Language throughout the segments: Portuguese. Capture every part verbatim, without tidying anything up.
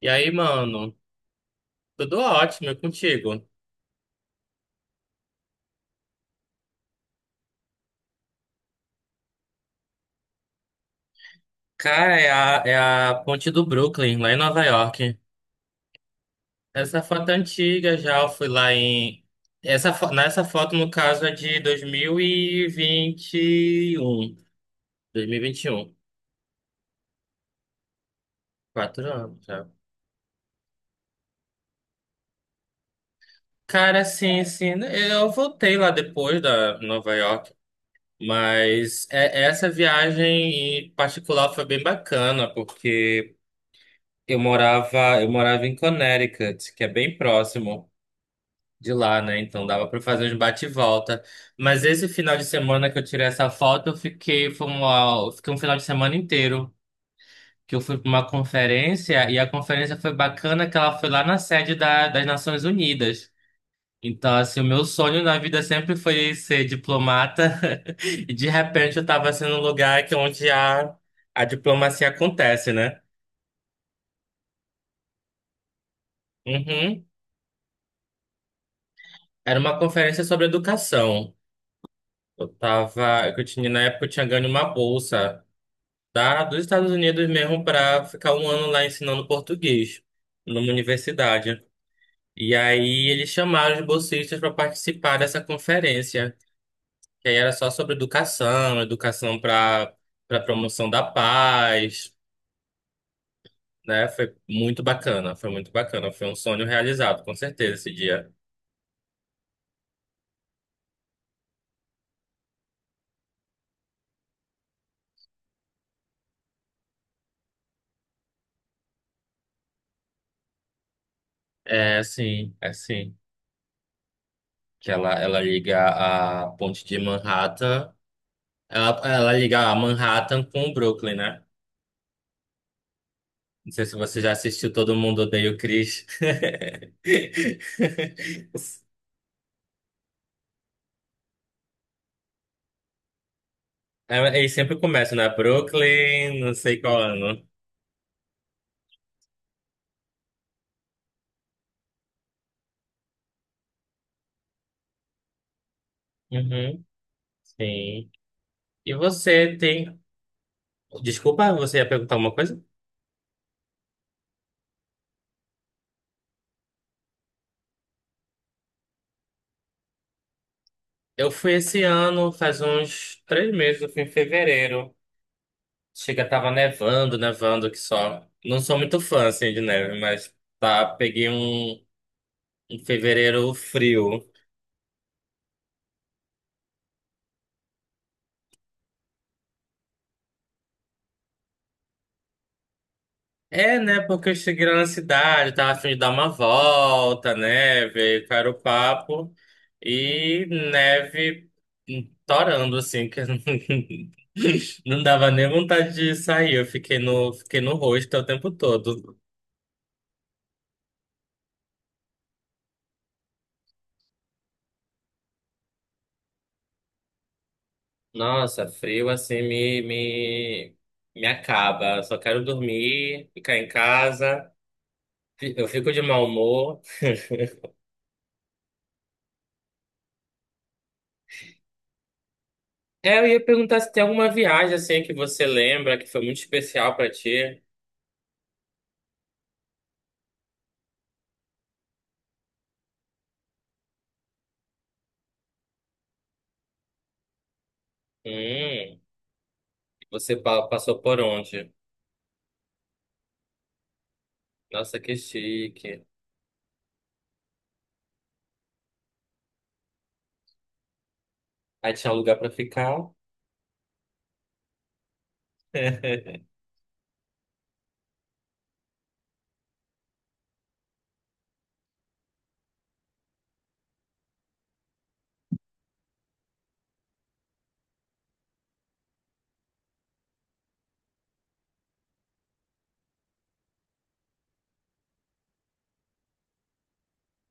E aí, mano? Tudo ótimo, e contigo? Cara, é a, é a ponte do Brooklyn, lá em Nova York. Essa foto é antiga já, eu fui lá em. Essa, fo- nessa foto, no caso, é de dois dois mil mil e vinte e um. Dois mil e vinte vinte um e um Quatro anos já. Cara, sim, sim, eu voltei lá depois da Nova York, mas é- essa viagem em particular foi bem bacana, porque eu morava, eu morava em Connecticut, que é bem próximo de lá, né? Então dava para fazer uns bate e volta. Mas esse final de semana que eu tirei essa foto, eu fiquei, foi uma, eu fiquei um final de semana inteiro. Que eu fui para uma conferência e a conferência foi bacana, que ela foi lá na sede da- das Nações Unidas. Então, assim, o meu sonho na vida sempre foi ser diplomata. E de repente eu estava assim num lugar que é onde a, a diplomacia acontece, né? Uhum. Era uma conferência sobre educação. Eu tava, que eu tinha, na época eu tinha ganho uma bolsa da, dos Estados Unidos mesmo para ficar um ano lá ensinando português numa universidade. E aí eles chamaram os bolsistas para participar dessa conferência, que aí era só sobre educação, educação para para promoção da paz, né? Foi muito bacana, foi muito bacana, foi um sonho realizado, com certeza esse dia. É, sim, é sim. Que ela, ela liga a ponte de Manhattan, ela, ela liga a Manhattan com o Brooklyn, né? Não sei se você já assistiu Todo Mundo Odeia o Chris. É, eles sempre começam na Brooklyn, não sei qual ano. Uhum, sim. E você tem. Desculpa, você ia perguntar uma coisa? Eu fui esse ano, faz uns três meses, eu fui em fevereiro. Chega, tava nevando, nevando que só. Não sou muito fã, assim, de neve, mas tá, peguei um, um fevereiro frio. É, né? Porque cheguei na cidade, tava a fim de dar uma volta, né? Ver qual era o papo. E neve hum, torando, assim, que eu não não dava nem vontade de sair. Eu fiquei no, fiquei no rosto o tempo todo. Nossa, frio assim me, me, me acaba. Eu só quero dormir, ficar em casa. Fi- Eu fico de mau humor. É, eu ia perguntar se tem alguma viagem assim que você lembra que foi muito especial pra ti. Hum. Você pa- passou por onde? Nossa, que chique. Aí tinha lugar pra ficar?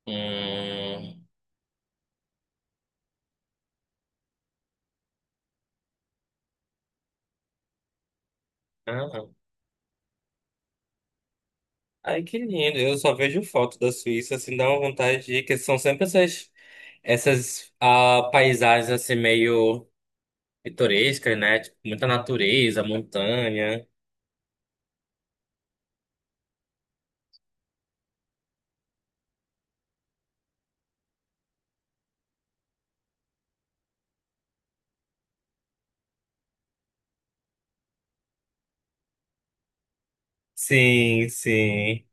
Hum. Ah, ai, que lindo. Eu só vejo foto da Suíça, assim, dá uma vontade de ir, que são sempre essas, essas ah, paisagens, assim, meio pitorescas, né? Tipo, muita natureza, montanha. Sim, sim.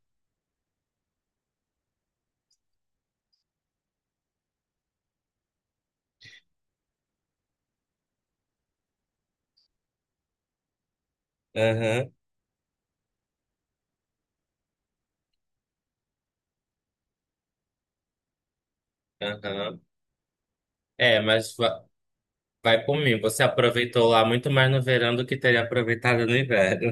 Aham, aham. É, mas va- vai por mim. Você aproveitou lá muito mais no verão do que teria aproveitado no inverno.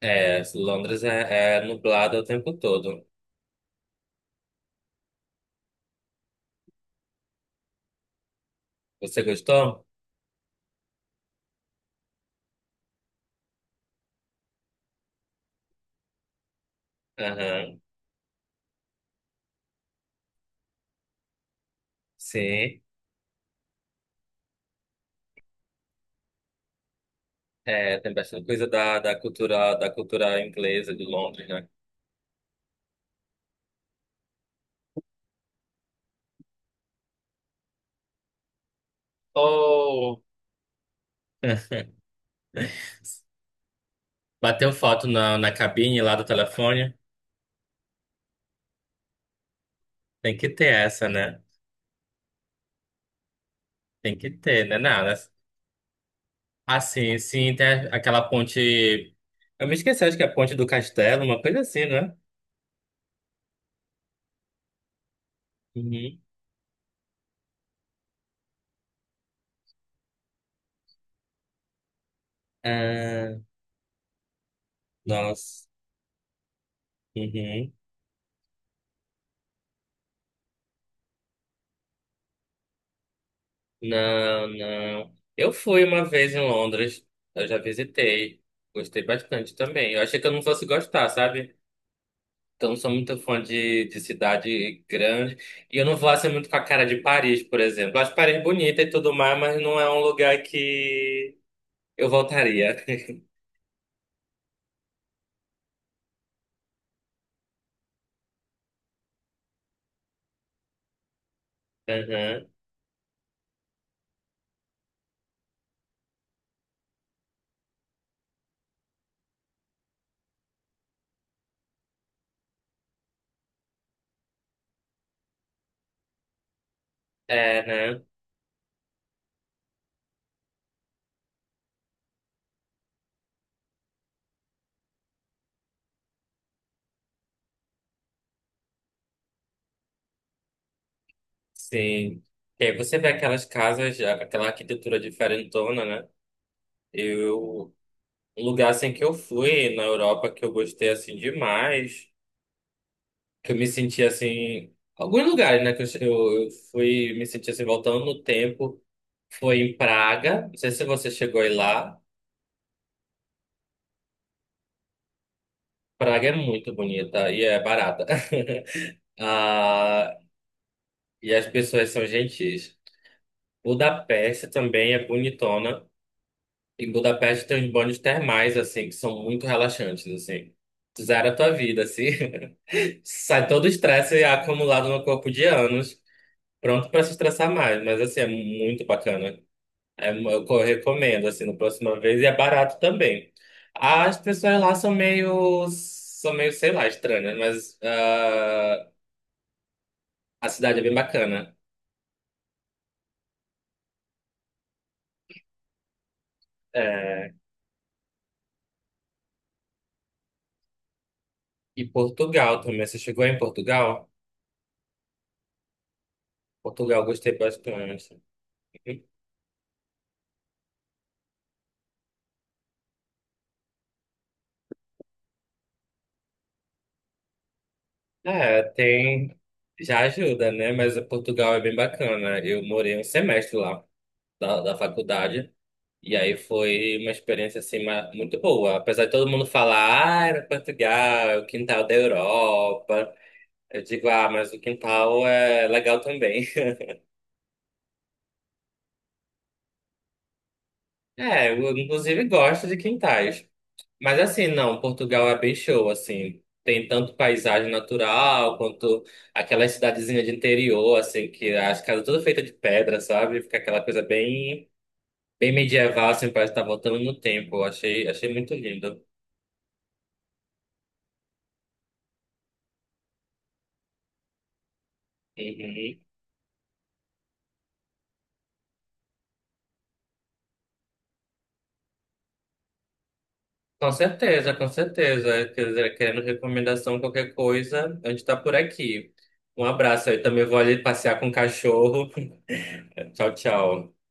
É, Londres é, é nublado o tempo todo. Você gostou? Aham, sim. É, tem bastante coisa da, da cultura da cultura inglesa de Londres, né? Oh! Bateu foto na, na cabine lá do telefone? Tem que ter essa, né? Tem que ter, né? Nada. Assim, sim, tem aquela ponte. Eu me esqueci, acho que é a ponte do castelo, uma coisa assim, né? Uhum. Ah, nossa. Uhum. Não, não. Eu fui uma vez em Londres. Eu já visitei. Gostei bastante também. Eu achei que eu não fosse gostar, sabe? Então, não sou muito fã de, de cidade grande. E eu não vou assim muito com a cara de Paris, por exemplo. Eu acho Paris bonita e tudo mais, mas não é um lugar que eu voltaria. Aham. É, né? Sim. E aí você vê aquelas casas, aquela arquitetura diferentona, né? Eu, um lugar assim que eu fui na Europa que eu gostei assim demais. Que eu me senti assim, alguns lugares, né, que eu, che- eu, eu fui me sentir assim, voltando no tempo, foi em Praga, não sei se você chegou aí lá. Praga é muito bonita e é barata. Ah, e as pessoas são gentis. Budapeste também é bonitona, em Budapeste tem uns banhos termais, assim, que são muito relaxantes, assim. Zera a tua vida, assim. Sai todo o estresse acumulado no corpo de anos, pronto para se estressar mais, mas assim, é muito bacana. É, eu co- recomendo, assim, na próxima vez. E é barato também. As pessoas lá são meio, são meio, sei lá, estranhas, mas ah, a cidade é bem bacana. É, e Portugal também. Você chegou em Portugal? Portugal, eu gostei bastante. É, tem... Já ajuda, né? Mas Portugal é bem bacana. Eu morei um semestre lá, da, da faculdade. E aí foi uma experiência assim ma- muito boa. Apesar de todo mundo falar, ah, era Portugal, é o quintal da Europa. Eu digo, ah, mas o quintal é legal também. É, eu inclusive gosto de quintais. Mas assim, não, Portugal é bem show, assim. Tem tanto paisagem natural quanto aquela cidadezinha de interior, assim, que as casas todas feitas de pedra, sabe? Fica aquela coisa bem, bem medieval, assim, parece estar voltando no tempo. Eu Achei, achei muito lindo. Uhum. Com certeza, com certeza. Quer dizer, querendo recomendação, qualquer coisa, a gente tá por aqui. Um abraço aí, também vou ali passear com o cachorro. Tchau, tchau.